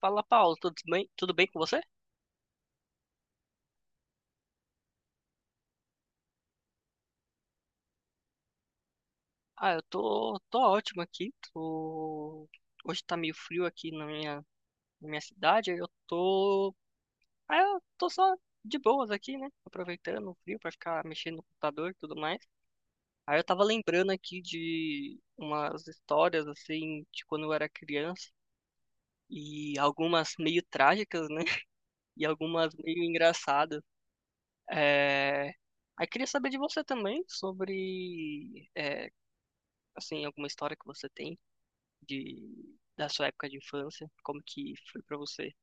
Fala, Paulo, tudo bem? Tudo bem com você? Ah, eu tô ótimo aqui. Tô... Hoje tá meio frio aqui na minha cidade. Aí Eu tô. Ah, eu tô só de boas aqui, né? Aproveitando o frio pra ficar mexendo no computador e tudo mais. Aí eu tava lembrando aqui de umas histórias, assim, de quando eu era criança. E algumas meio trágicas, né? E algumas meio engraçadas. É... Aí queria saber de você também sobre. É, assim, alguma história que você tem de da sua época de infância, como que foi pra você?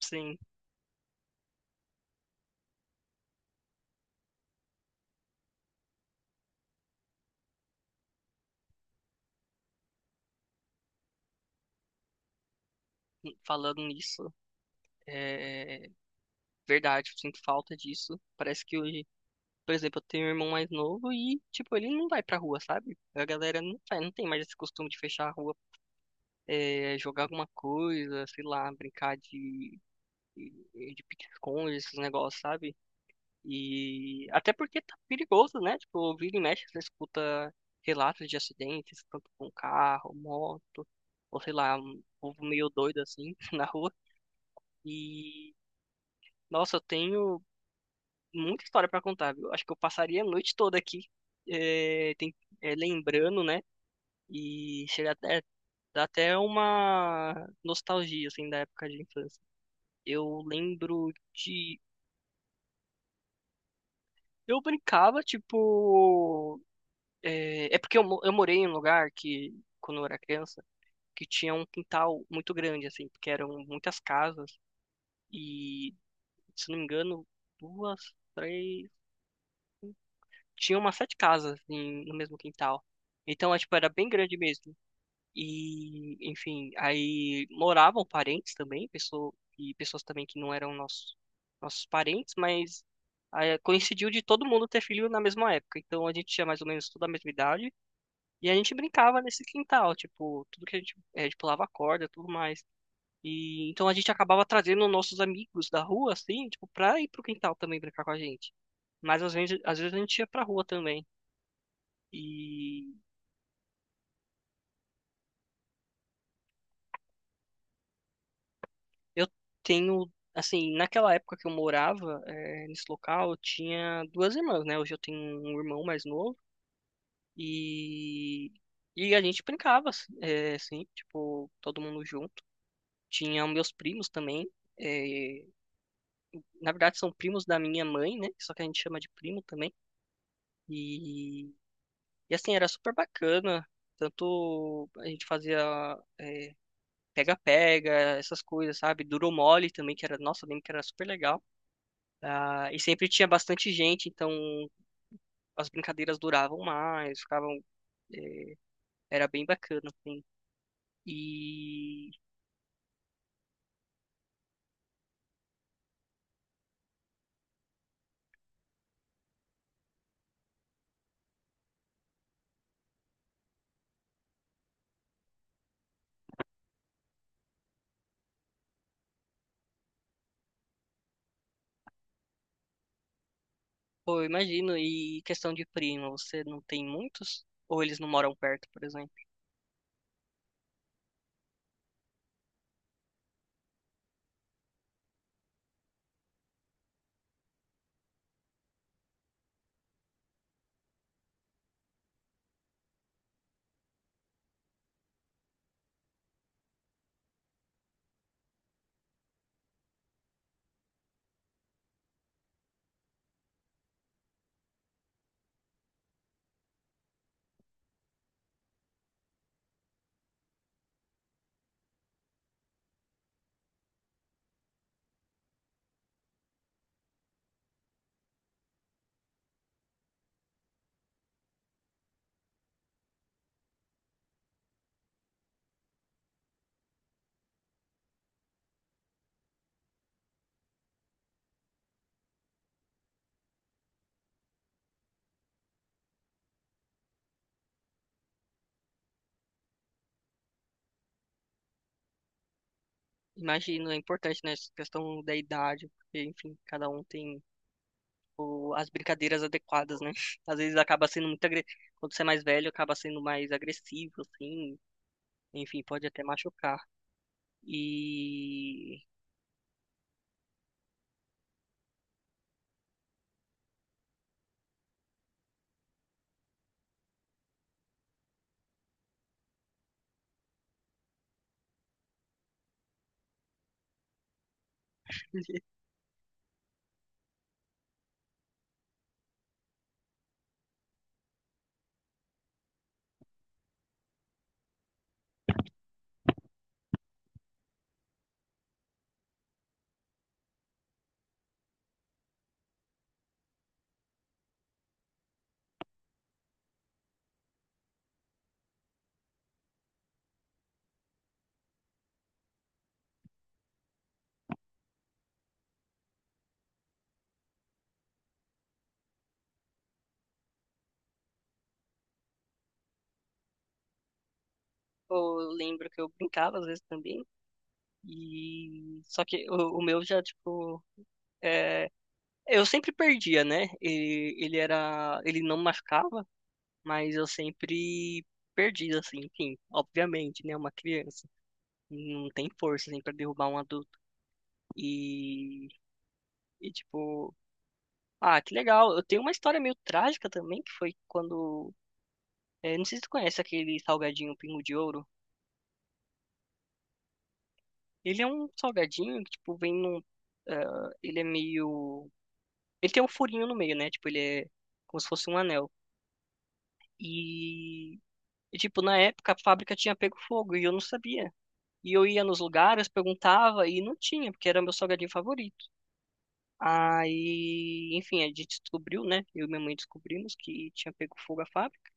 Sim, falando nisso, é verdade, eu sinto falta disso. Parece que hoje, por exemplo, eu tenho um irmão mais novo e, tipo, ele não vai pra rua, sabe? A galera não vai, não tem mais esse costume de fechar a rua, é, jogar alguma coisa, sei lá, de pique-esconde, esses negócios, sabe? E até porque tá perigoso, né? Tipo, vira e mexe, você escuta relatos de acidentes, tanto com carro, moto, ou sei lá, um povo meio doido assim na rua. E, nossa, eu tenho muita história pra contar, viu? Acho que eu passaria a noite toda aqui, eh, tem- lembrando, né? E chega até, dá até uma nostalgia, assim, da época de infância. Eu lembro de. Eu brincava, tipo. É, é porque eu morei em um lugar que, quando eu era criança, que tinha um quintal muito grande, assim, porque eram muitas casas e, se não me engano, duas, três, tinha umas sete casas no mesmo quintal. Então, é, tipo, era bem grande mesmo. E, enfim, aí moravam parentes também, e pessoas também que não eram nossos parentes, mas aí coincidiu de todo mundo ter filho na mesma época. Então, a gente tinha mais ou menos toda a mesma idade. E a gente brincava nesse quintal, tipo, tudo que a gente pulava corda, e tudo mais. E então a gente acabava trazendo nossos amigos da rua, assim, tipo, pra ir pro quintal também brincar com a gente. Mas às vezes a gente ia pra rua também. E eu tenho, assim, naquela época que eu morava, eh, nesse local, eu tinha duas irmãs, né? Hoje eu tenho um irmão mais novo e a gente brincava, assim, eh, assim, tipo, todo mundo junto. Tinha meus primos também. Eh, na verdade são primos da minha mãe, né? Só que a gente chama de primo também. E, e assim, era super bacana. Tanto a gente fazia é, pega-pega, essas coisas, sabe? Duro mole também, que era, nossa, eu lembro que era super legal. Ah, e sempre tinha bastante gente, então as brincadeiras duravam mais, ficavam, é, era bem bacana, assim. E, pô, eu imagino, e questão de primo, você não tem muitos? Ou eles não moram perto, por exemplo? Imagino, é importante, né, essa questão da idade, porque, enfim, cada um tem as brincadeiras adequadas, né? Às vezes acaba sendo muito agre... quando você é mais velho, acaba sendo mais agressivo, assim, enfim, pode até machucar. E pô, eu lembro que eu brincava às vezes também, e só que o meu já, tipo, é... eu sempre perdia, né? E, ele era, ele não machucava, mas eu sempre perdia, assim, enfim, obviamente, né, uma criança. Não tem força assim, pra derrubar um adulto. E, e tipo, ah, que legal. Eu tenho uma história meio trágica também, que foi quando. É, não sei se tu conhece aquele salgadinho Pingo de Ouro. Ele é um salgadinho que, tipo, vem num. Ah, ele é meio. Ele tem um furinho no meio, né? Tipo, ele é como se fosse um anel. E, e tipo, na época a fábrica tinha pego fogo e eu não sabia. E eu ia nos lugares, perguntava e não tinha, porque era meu salgadinho favorito. Aí, enfim, a gente descobriu, né? Eu e minha mãe descobrimos que tinha pego fogo a fábrica.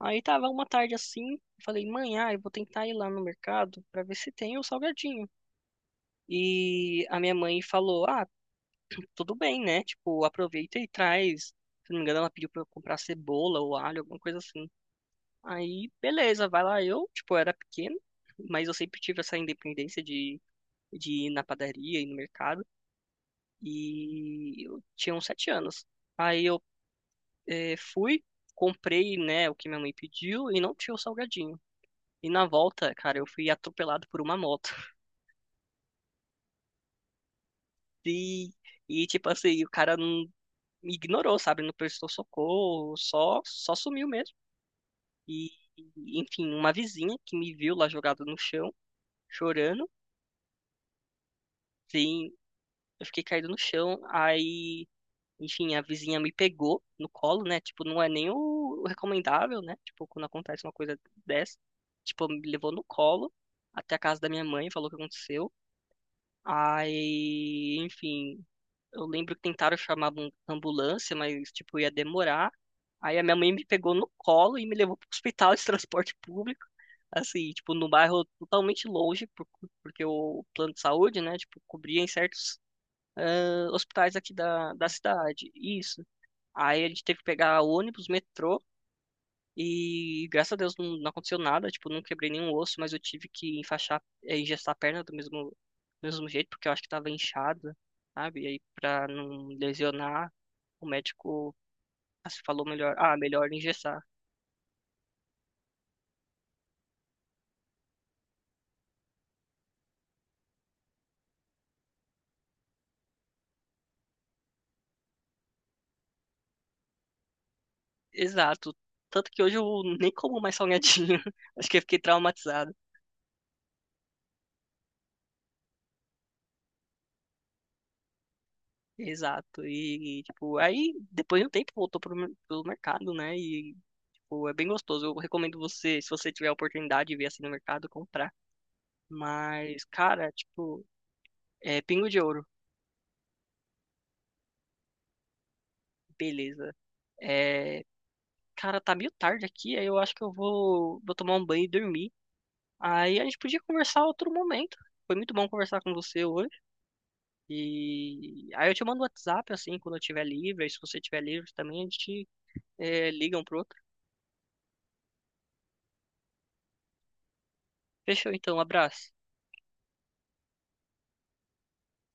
Aí tava uma tarde assim, eu falei, mãe, ah, eu vou tentar ir lá no mercado pra ver se tem o salgadinho. E a minha mãe falou, ah, tudo bem, né? Tipo, aproveita e traz. Se não me engano, ela pediu pra eu comprar cebola ou alho, alguma coisa assim. Aí, beleza, vai lá. Eu, tipo, era pequeno, mas eu sempre tive essa independência de ir na padaria, e no mercado. E eu tinha uns 7 anos. Aí fui, comprei, né, o que minha mãe pediu e não tinha o salgadinho. E na volta, cara, eu fui atropelado por uma moto. E, e tipo assim, o cara não me ignorou, sabe? Não prestou socorro, só sumiu mesmo. E, e, enfim, uma vizinha que me viu lá jogado no chão, chorando, sim, eu fiquei caído no chão. Aí enfim, a vizinha me pegou no colo, né? Tipo, não é nem o recomendável, né? Tipo, quando acontece uma coisa dessa. Tipo, me levou no colo até a casa da minha mãe, falou o que aconteceu. Aí, enfim, eu lembro que tentaram chamar uma ambulância, mas, tipo, ia demorar. Aí a minha mãe me pegou no colo e me levou pro hospital de transporte público. Assim, tipo, num bairro totalmente longe, porque o plano de saúde, né, tipo, cobria em certos ah, hospitais aqui da cidade. Isso. Aí a gente teve que pegar ônibus, metrô, e graças a Deus não, não aconteceu nada, tipo, não quebrei nenhum osso, mas eu tive que enfaixar, engessar a perna do mesmo jeito, porque eu acho que tava inchada, sabe? E aí pra não lesionar, o médico assim, falou melhor, ah, melhor engessar. Exato. Tanto que hoje eu nem como mais salgadinho. Acho que eu fiquei traumatizado. Exato. E, tipo, aí depois de um tempo voltou pro mercado, né? E pô, é bem gostoso. Eu recomendo você, se você tiver a oportunidade de ver assim no mercado, comprar. Mas, cara, tipo, é Pingo de Ouro. Beleza. É, cara, tá meio tarde aqui, aí eu acho que vou tomar um banho e dormir. Aí a gente podia conversar outro momento. Foi muito bom conversar com você hoje. E aí eu te mando o WhatsApp, assim, quando eu estiver livre. Aí se você estiver livre também, a gente é, liga um pro outro. Fechou, então. Abraço.